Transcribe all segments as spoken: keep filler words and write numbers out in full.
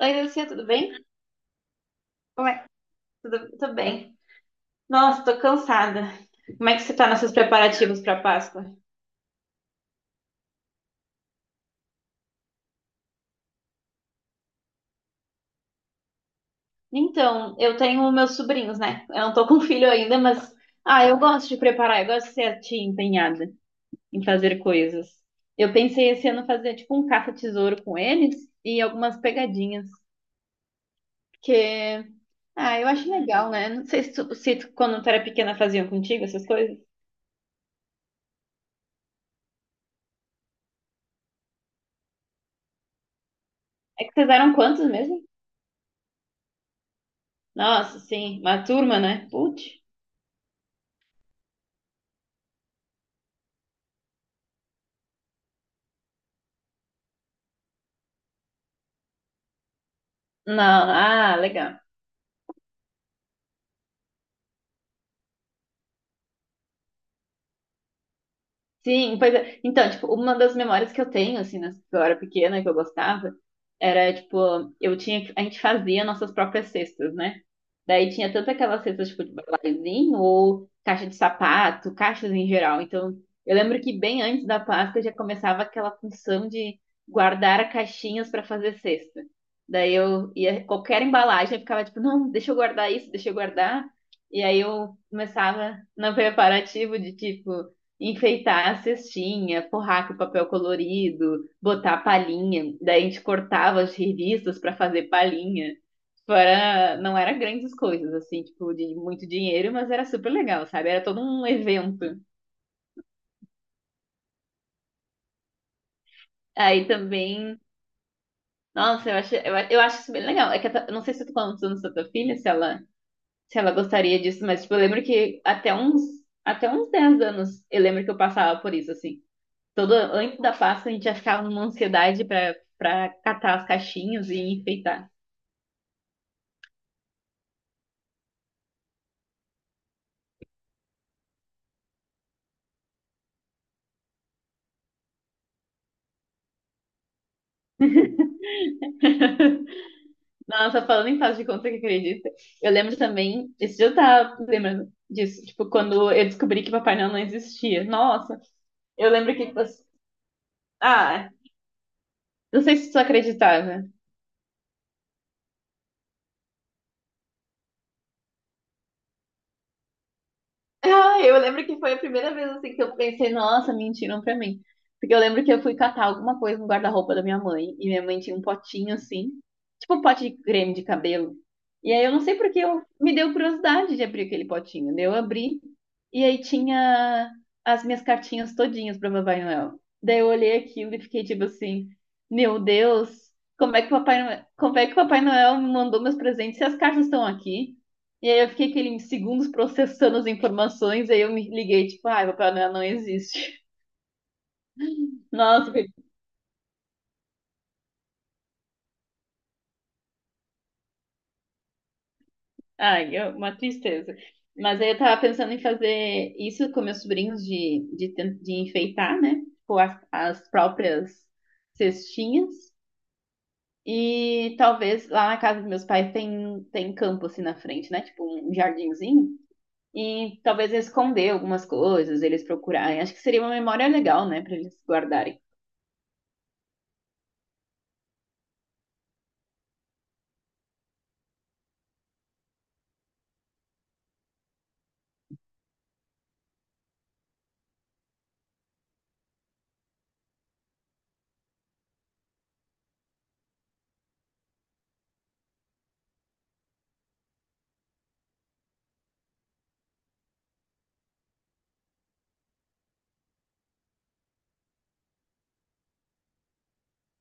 Oi, Lucia, tudo bem? Como é? Tudo, tudo bem. Nossa, tô cansada. Como é que você tá nesses preparativos pra Páscoa? Então, eu tenho meus sobrinhos, né? Eu não tô com filho ainda, mas ah, eu gosto de preparar, eu gosto de ser a tia empenhada em fazer coisas. Eu pensei esse ano fazer tipo um caça-tesouro com eles e algumas pegadinhas, porque ah, eu acho legal, né? Não sei se tu, se tu, quando tu era pequena faziam contigo essas coisas. É que vocês eram quantos mesmo? Nossa, sim, uma turma, né? Putz. Não, ah, legal. Sim, pois é. Então, tipo, uma das memórias que eu tenho, assim, nas- que eu era pequena, que eu gostava, era, tipo, eu tinha, que- a gente fazia nossas próprias cestas, né? Daí tinha tanto aquelas cestas, tipo, de balazinho, ou caixa de sapato, caixas em geral. Então, eu lembro que bem antes da Páscoa já começava aquela função de guardar caixinhas para fazer cesta. Daí eu ia, qualquer embalagem, eu ficava, tipo, não, deixa eu guardar isso, deixa eu guardar. E aí eu começava no preparativo de, tipo, enfeitar a cestinha, forrar com papel colorido, botar palhinha. Daí a gente cortava as revistas para fazer palhinha. Tipo, era, não era grandes coisas, assim, tipo, de muito dinheiro, mas era super legal, sabe? Era todo um evento. Aí também, nossa, eu acho, eu, a- eu acho isso bem legal. É que eu ta- eu não sei se eu tô falando dos anos da tua filha, se ela, se ela gostaria disso, mas, tipo, eu lembro que até uns, até uns dez anos, eu lembro que eu passava por isso, assim. Todo, antes da Páscoa a gente já ficava numa ansiedade pra, pra catar as caixinhas e enfeitar. Nossa, falando em fase de conta que acredita, eu lembro também, esse dia eu tava lembrando disso, tipo, quando eu descobri que Papai Noel não existia. Nossa, eu lembro que, tipo, assim, ah, não sei se tu acreditava. Ah, eu lembro que foi a primeira vez assim que eu pensei, nossa, mentiram pra mim. Porque eu lembro que eu fui catar alguma coisa no guarda-roupa da minha mãe, e minha mãe tinha um potinho assim, tipo um pote de creme de cabelo. E aí eu não sei porque eu me deu curiosidade de abrir aquele potinho. Daí eu abri, e aí tinha as minhas cartinhas todinhas pra Papai Noel. Daí eu olhei aquilo e fiquei tipo assim, meu Deus, como é que o Papai Noel, como é que o Papai Noel me mandou meus presentes se as cartas estão aqui? E aí eu fiquei aquele segundos processando as informações, aí eu me liguei, tipo, ai, Papai Noel não existe. Nossa, foi- ai, é uma tristeza. Mas aí eu tava pensando em fazer isso com meus sobrinhos de, de, ten- de enfeitar, né? Tipo, as, as próprias cestinhas. E talvez lá na casa dos meus pais tem, tem campo assim na frente, né? Tipo um jardinzinho. E talvez esconder algumas coisas, eles procurarem. Acho que seria uma memória legal, né? Pra eles guardarem.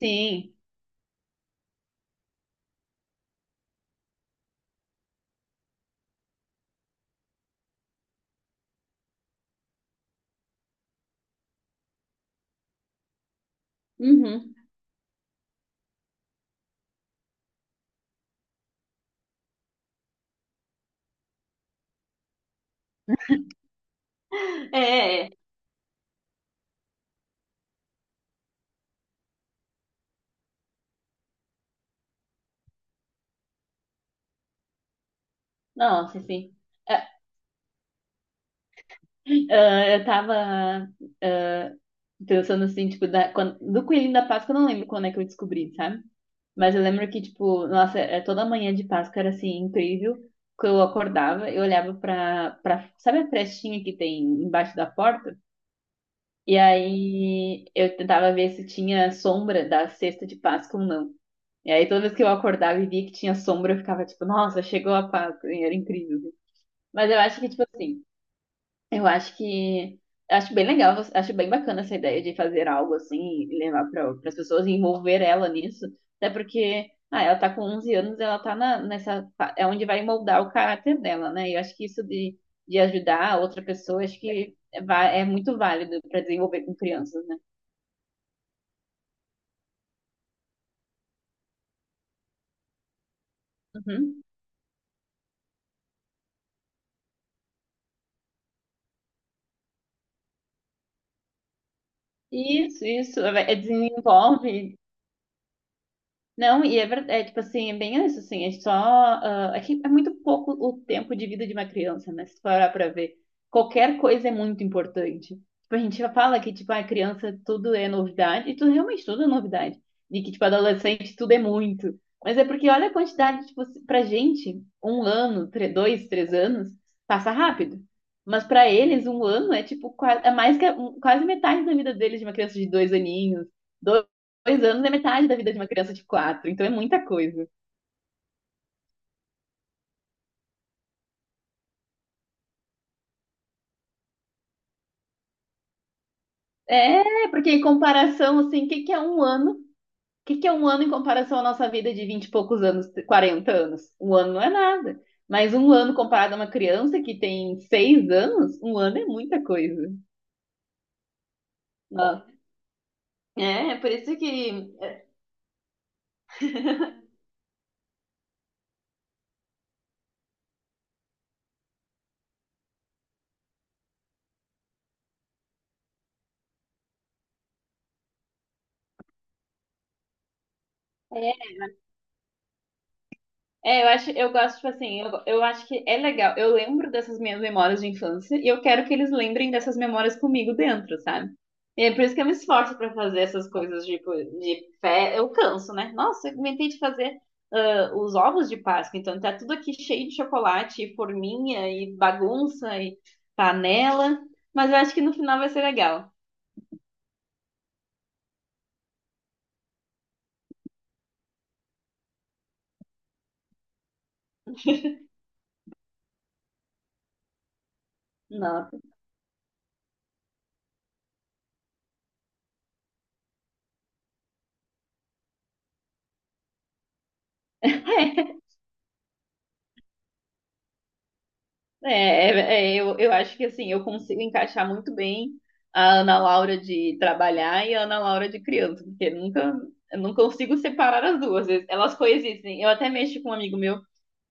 Sim. Uhum. É, é. é. Nossa, sim. Ah, ah, eu tava ah, pensando assim, tipo, da, quando- do Coelhinho da Páscoa, eu não lembro quando é que eu descobri, sabe? Mas eu lembro que, tipo, nossa, é, toda manhã de Páscoa era assim, incrível. Que eu acordava, eu olhava pra, pra. Sabe a frestinha que tem embaixo da porta? E aí eu tentava ver se tinha sombra da cesta de Páscoa ou não. E aí toda vez que eu acordava e via que tinha sombra, eu ficava tipo, nossa, chegou a Páscoa, e era incrível. Mas eu acho que, tipo assim. Eu acho que acho bem legal, acho bem bacana essa ideia de fazer algo assim e levar para as pessoas e envolver ela nisso, até porque ah, ela tá com onze anos, ela tá na, nessa fa- é onde vai moldar o caráter dela, né? E eu acho que isso de, de ajudar a outra pessoa, acho que é, va- é muito válido para desenvolver com crianças, né? Uhum. Isso, isso, é, é, desenvolve. Não, e é verdade, é, tipo assim, é bem isso, assim, é só, ah, é que é muito pouco o tempo de vida de uma criança, né, se parar pra ver, qualquer coisa é muito importante, tipo, a gente já fala que, tipo, a criança tudo é novidade, e tudo, realmente tudo é novidade, e que, tipo, adolescente tudo é muito, mas é porque olha a quantidade, tipo, se- pra gente, um ano, tre- dois, três anos, passa rápido, mas pra eles, um ano é, tipo, qua- é mais que, a- um- quase metade da vida deles de uma criança de dois aninhos, dois anos é metade da vida de uma criança de quatro, então é muita coisa. É, porque em comparação, assim, o que que é um ano? O que que é um ano em comparação à nossa vida de vinte e poucos anos, quarenta anos? Um ano não é nada. Mas um ano comparado a uma criança que tem seis anos, um ano é muita coisa. Ó, é, é por isso que é, eu acho, eu gosto, tipo assim, eu, eu acho que é legal. Eu lembro dessas minhas memórias de infância e eu quero que eles lembrem dessas memórias comigo dentro, sabe? E é por isso que eu me esforço pra fazer essas coisas, tipo, de fé. Eu canso, né? Nossa, eu inventei de fazer ah, os ovos de Páscoa, então tá tudo aqui cheio de chocolate, e forminha, e bagunça, e panela. Mas eu acho que no final vai ser legal. Não. É, é, é, eu, eu acho que assim, eu consigo encaixar muito bem a Ana Laura de trabalhar e a Ana Laura de criança, porque nunca, eu não consigo separar as duas, elas elas coexistem. Eu até mexo com um amigo meu,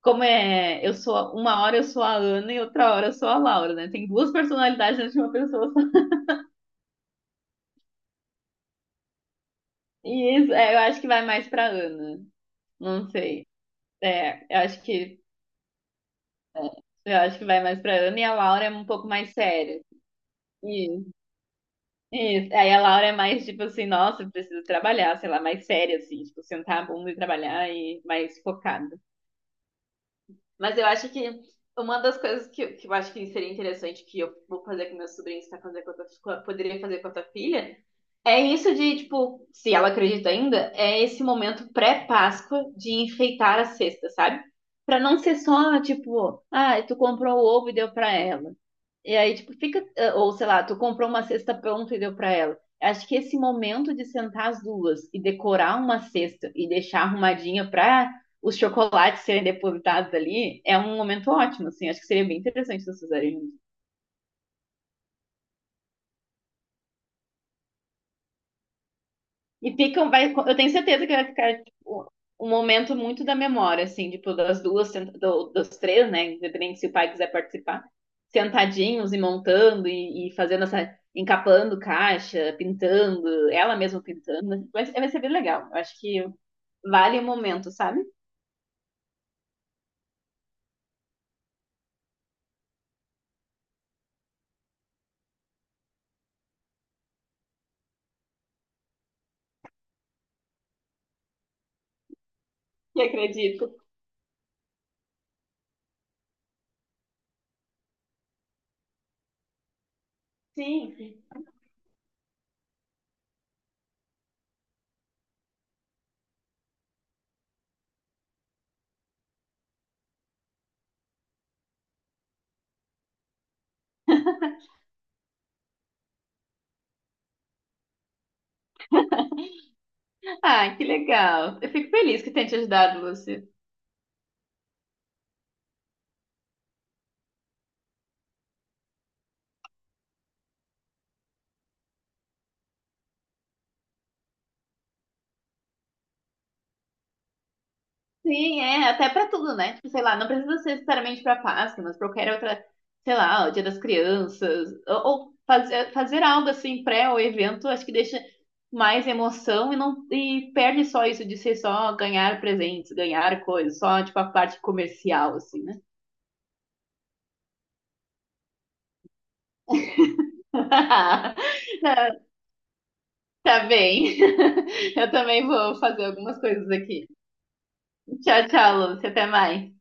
como é, eu sou, uma hora eu sou a Ana e outra hora eu sou a Laura, né? Tem duas personalidades dentro de uma pessoa só. E isso, é, eu acho que vai mais pra Ana, não sei. É, eu acho que, eu acho que vai mais pra Ana e a Laura é um pouco mais séria. Isso. Aí a Laura é mais tipo assim, nossa, eu preciso trabalhar, sei lá, mais séria, assim, tipo, sentar a bunda e trabalhar e mais focada. Mas eu acho que uma das coisas que, que eu acho que seria interessante que eu vou fazer com meus sobrinhos, tá fazer com a tua, com a- poderia fazer com a tua filha, é isso de, tipo, se ela acredita ainda, é esse momento pré-Páscoa de enfeitar a cesta, sabe? Pra não ser só, tipo, ah, tu comprou o ovo e deu pra ela. E aí, tipo, fica, eh, ou sei lá, tu comprou uma cesta pronta e deu pra ela. Acho que esse momento de sentar as duas e decorar uma cesta e deixar arrumadinha pra os chocolates serem depositados ali é um momento ótimo, assim. Acho que seria bem interessante vocês fizerem. E ficam, vai, eu tenho certeza que vai ficar tipo, um momento muito da memória, assim, tipo, das duas, sent- do- dos três, né? Independente se o pai quiser participar, sentadinhos e montando e, e fazendo essa, encapando caixa, pintando, ela mesma pintando. Vai, vai ser bem legal. Eu acho que vale o momento, sabe? E acredito. Sim. Ah, que legal. Eu fico feliz que tenha te ajudado, Lúcia. Sim, é, até pra tudo, né? Tipo, sei lá, não precisa ser necessariamente pra Páscoa, mas pra qualquer outra, sei lá, o Dia das Crianças, ou, ou fazer, fazer algo assim pré ao evento, acho que deixa mais emoção e não e perde só isso de ser só ganhar presentes, ganhar coisas, só tipo a parte comercial assim, né? Tá tá bem. Eu também vou fazer algumas coisas aqui. Tchau, tchau, Lúcia, até mais.